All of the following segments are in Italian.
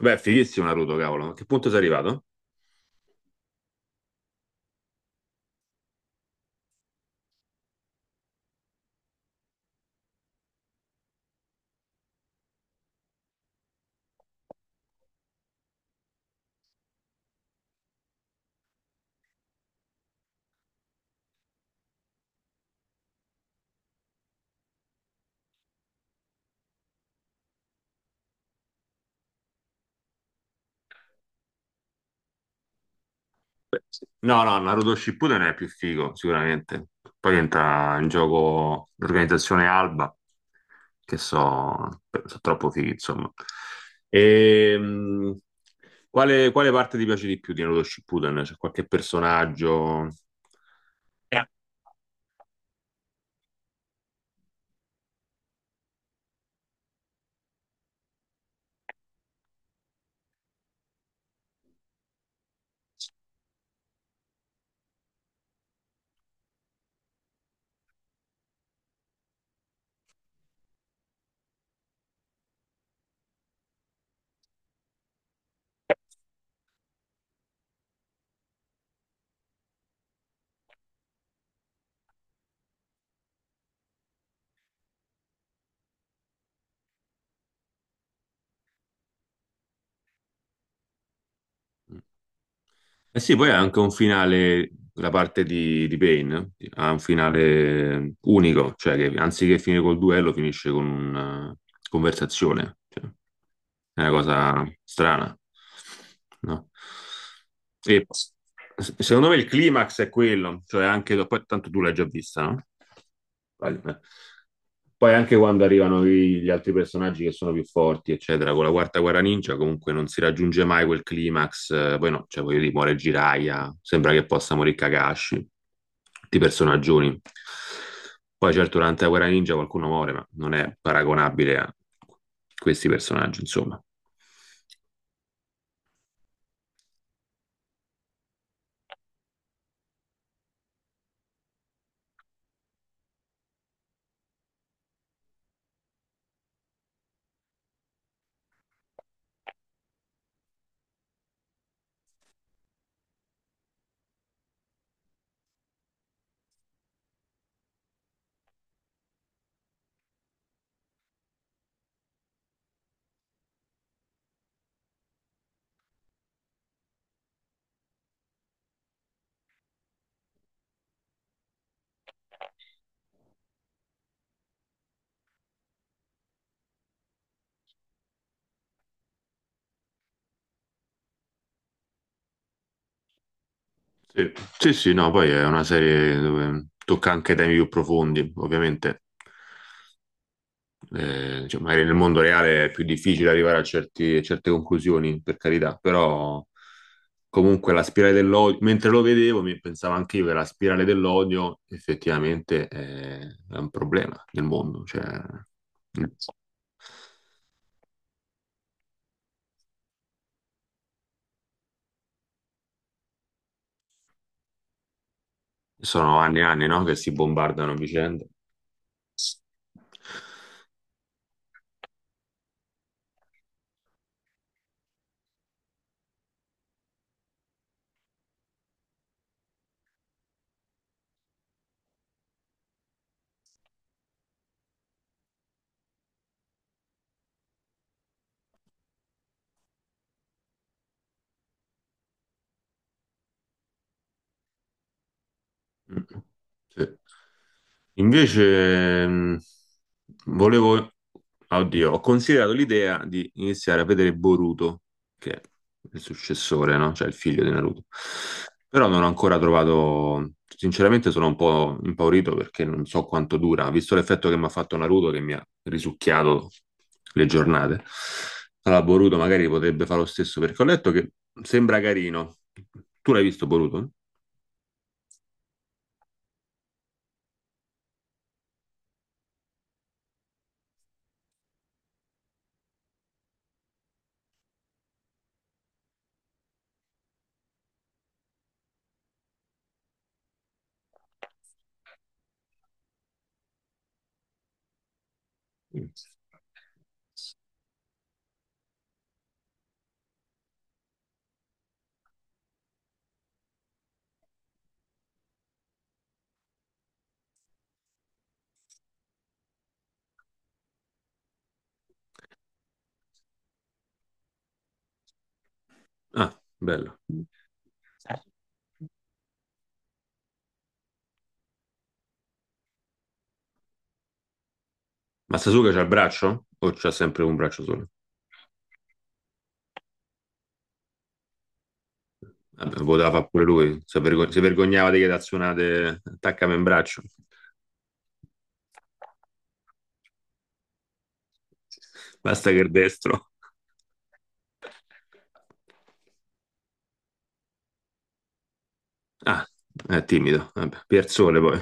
Beh, è fighissimo Naruto, cavolo. A che punto sei arrivato? Beh, sì. No, no, Naruto Shippuden è più figo, sicuramente. Poi entra in gioco l'organizzazione Alba, che so troppo fighi, insomma. Ehm, quale parte ti piace di più di Naruto Shippuden? C'è qualche personaggio? Eh. Eh sì, poi ha anche un finale, la parte di Bane, ha un finale unico, cioè che anziché finire col duello finisce con una conversazione. Cioè, è una cosa strana, no? E s- Secondo me il climax è quello, cioè anche, poi tanto tu l'hai già vista, no? Vale. Poi anche quando arrivano gli altri personaggi che sono più forti, eccetera, con la quarta guerra ninja comunque non si raggiunge mai quel climax, poi no, cioè voglio dire, muore Jiraiya, sembra che possa morire Kakashi, tutti i personaggioni. Poi certo durante la guerra ninja qualcuno muore, ma non è paragonabile a questi personaggi, insomma. Sì, sì, sì, no, poi è una serie dove tocca anche temi più profondi, ovviamente. Cioè, magari nel mondo reale è più difficile arrivare a, a certe conclusioni, per carità, però comunque la spirale dell'odio, mentre lo vedevo, mi pensavo anche io che la spirale dell'odio effettivamente è un problema nel mondo. Cioè, sono anni e anni, no, che si bombardano a vicenda. Mm, sì. Invece, volevo, oddio, ho considerato l'idea di iniziare a vedere Boruto, che è il successore, no? Cioè il figlio di Naruto. Però non ho ancora trovato, sinceramente sono un po' impaurito perché non so quanto dura, visto l'effetto che mi ha fatto Naruto, che mi ha risucchiato le giornate. Allora, Boruto magari potrebbe fare lo stesso perché ho letto che sembra carino. Tu l'hai visto Boruto? Ah, bello. Ma Sasuke c'ha il braccio? O c'ha sempre un braccio solo? Vabbè, poteva fare pure lui. Si, si vergognava di che azionate attaccava in braccio. Basta che il destro. Ah, è timido. Vabbè, Pierzone poi.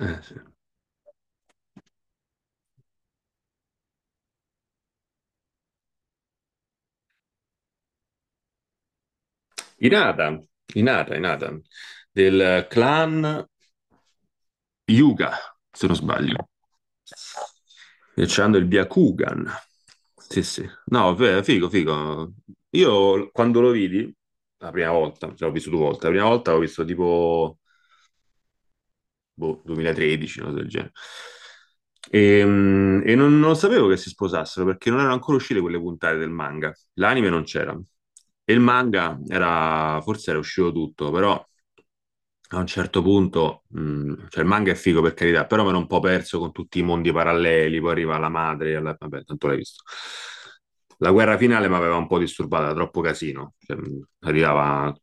Sì. Inata, Inata, Inata, del clan. Yuga, se non sbaglio. E c'hanno il Byakugan. Sì, sì. No, figo, figo. Io quando lo vidi, la prima volta, cioè l'ho visto due volte, la prima volta l'ho visto tipo boh, 2013, una cosa del genere. E, mm, e non, non sapevo che si sposassero perché non erano ancora uscite quelle puntate del manga. L'anime non c'era. E il manga era, forse era uscito tutto, però a un certo punto, cioè il manga è figo per carità, però mi ero un po' perso con tutti i mondi paralleli, poi arriva la madre, vabbè, tanto l'hai visto. La guerra finale mi aveva un po' disturbata, era troppo casino, cioè, arrivava...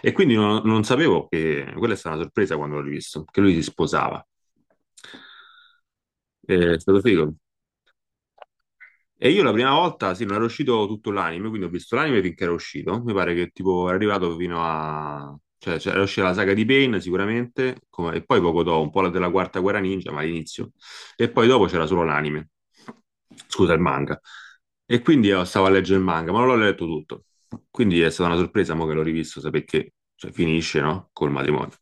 E quindi non, non sapevo che quella è stata una sorpresa quando l'ho rivisto, che lui si sposava. È stato figo. E io la prima volta, sì, non era uscito tutto l'anime, quindi ho visto l'anime finché era uscito. Mi pare che tipo era arrivato fino a... Cioè, cioè, era uscita la saga di Pain sicuramente, come- e poi poco dopo, un po' la della Quarta Guerra Ninja, ma all'inizio. E poi dopo c'era solo l'anime. Scusa, il manga. E quindi io stavo a leggere il manga, ma non l'ho letto tutto. Quindi è stata una sorpresa, mo che l'ho rivisto, sapere che cioè, finisce, no? Col matrimonio.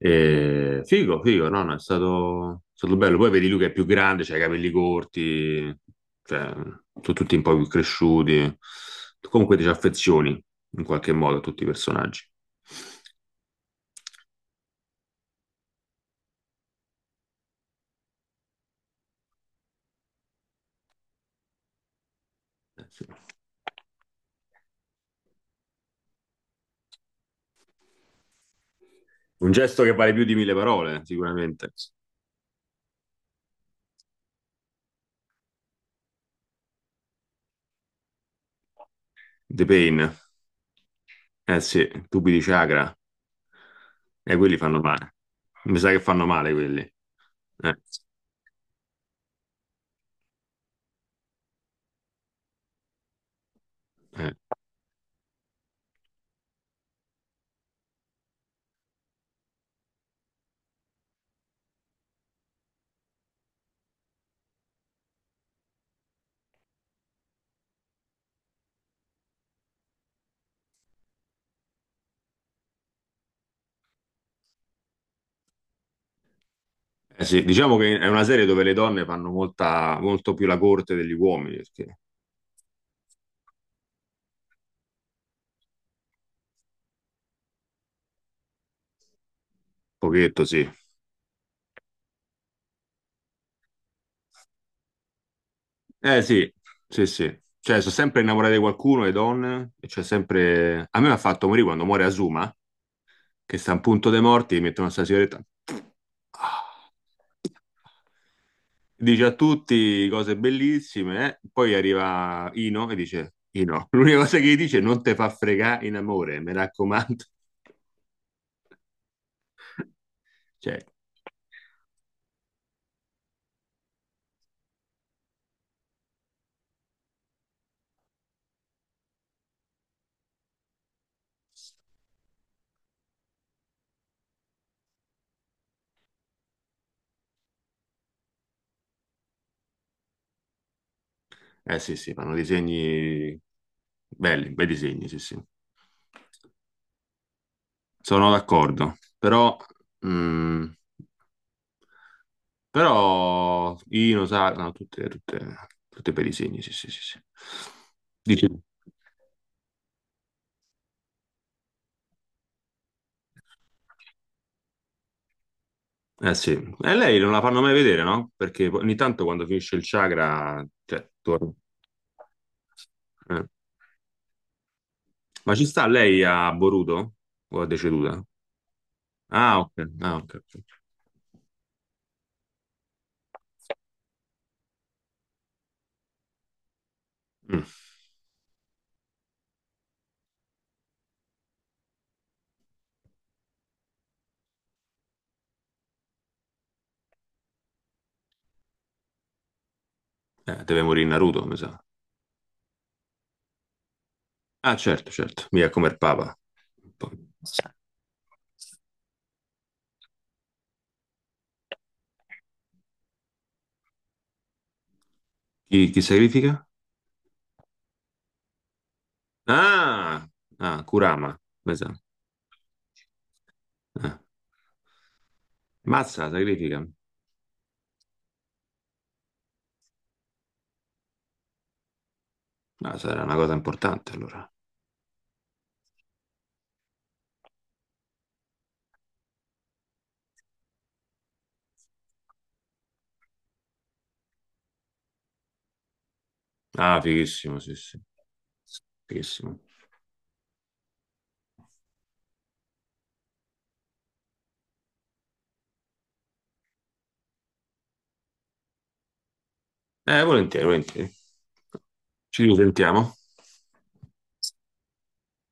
E... Figo, figo, no, no, è stato bello. Poi vedi lui che è più grande, c'ha i capelli corti, cioè, sono tutti un po' più cresciuti. Comunque ti ci affezioni, in qualche modo, a tutti i personaggi. Sì. Un gesto che vale più di mille parole, sicuramente. The Pain. Eh sì, tubi di chakra. E quelli fanno male. Mi sa che fanno male quelli. Eh, eh. Eh sì, diciamo che è una serie dove le donne fanno molta, molto più la corte degli uomini, perché un pochetto sì. Eh sì, sì, sì. Cioè, sono sempre innamorate di qualcuno, le donne, e c'è sempre... A me mi ha fatto morire quando muore Asuma, che sta a un punto dei morti, gli mettono questa sigaretta. Ah, dice a tutti cose bellissime, eh. Poi arriva Ino e dice, Ino, l'unica cosa che gli dice, è non te fa fregare in amore, mi raccomando. Cioè, eh sì, sì, fanno disegni belli, bei disegni, sì, sì. Sono d'accordo, però, mm, però Ino sa, no, tutte, tutte bei disegni, sì, sì, sì, sì. Dice. Eh sì, e lei non la fanno mai vedere, no? Perché ogni tanto quando finisce il chakra, cioè, torna. Eh. Ma ci sta lei a Boruto? O è deceduta? Ah, ok. Ah, ok. Ok. Mm. Deve morire Naruto, mi sa. Ah, certo, certo. Mica come il Papa. Poi- chi sacrifica? Ah, ah, Kurama, mi sa. Eh. Mazza, la sacrifica. Ah, sarà una cosa importante allora. Ah, fighissimo, sì, sì. Fighissimo. Volentieri, volentieri. Ci risentiamo.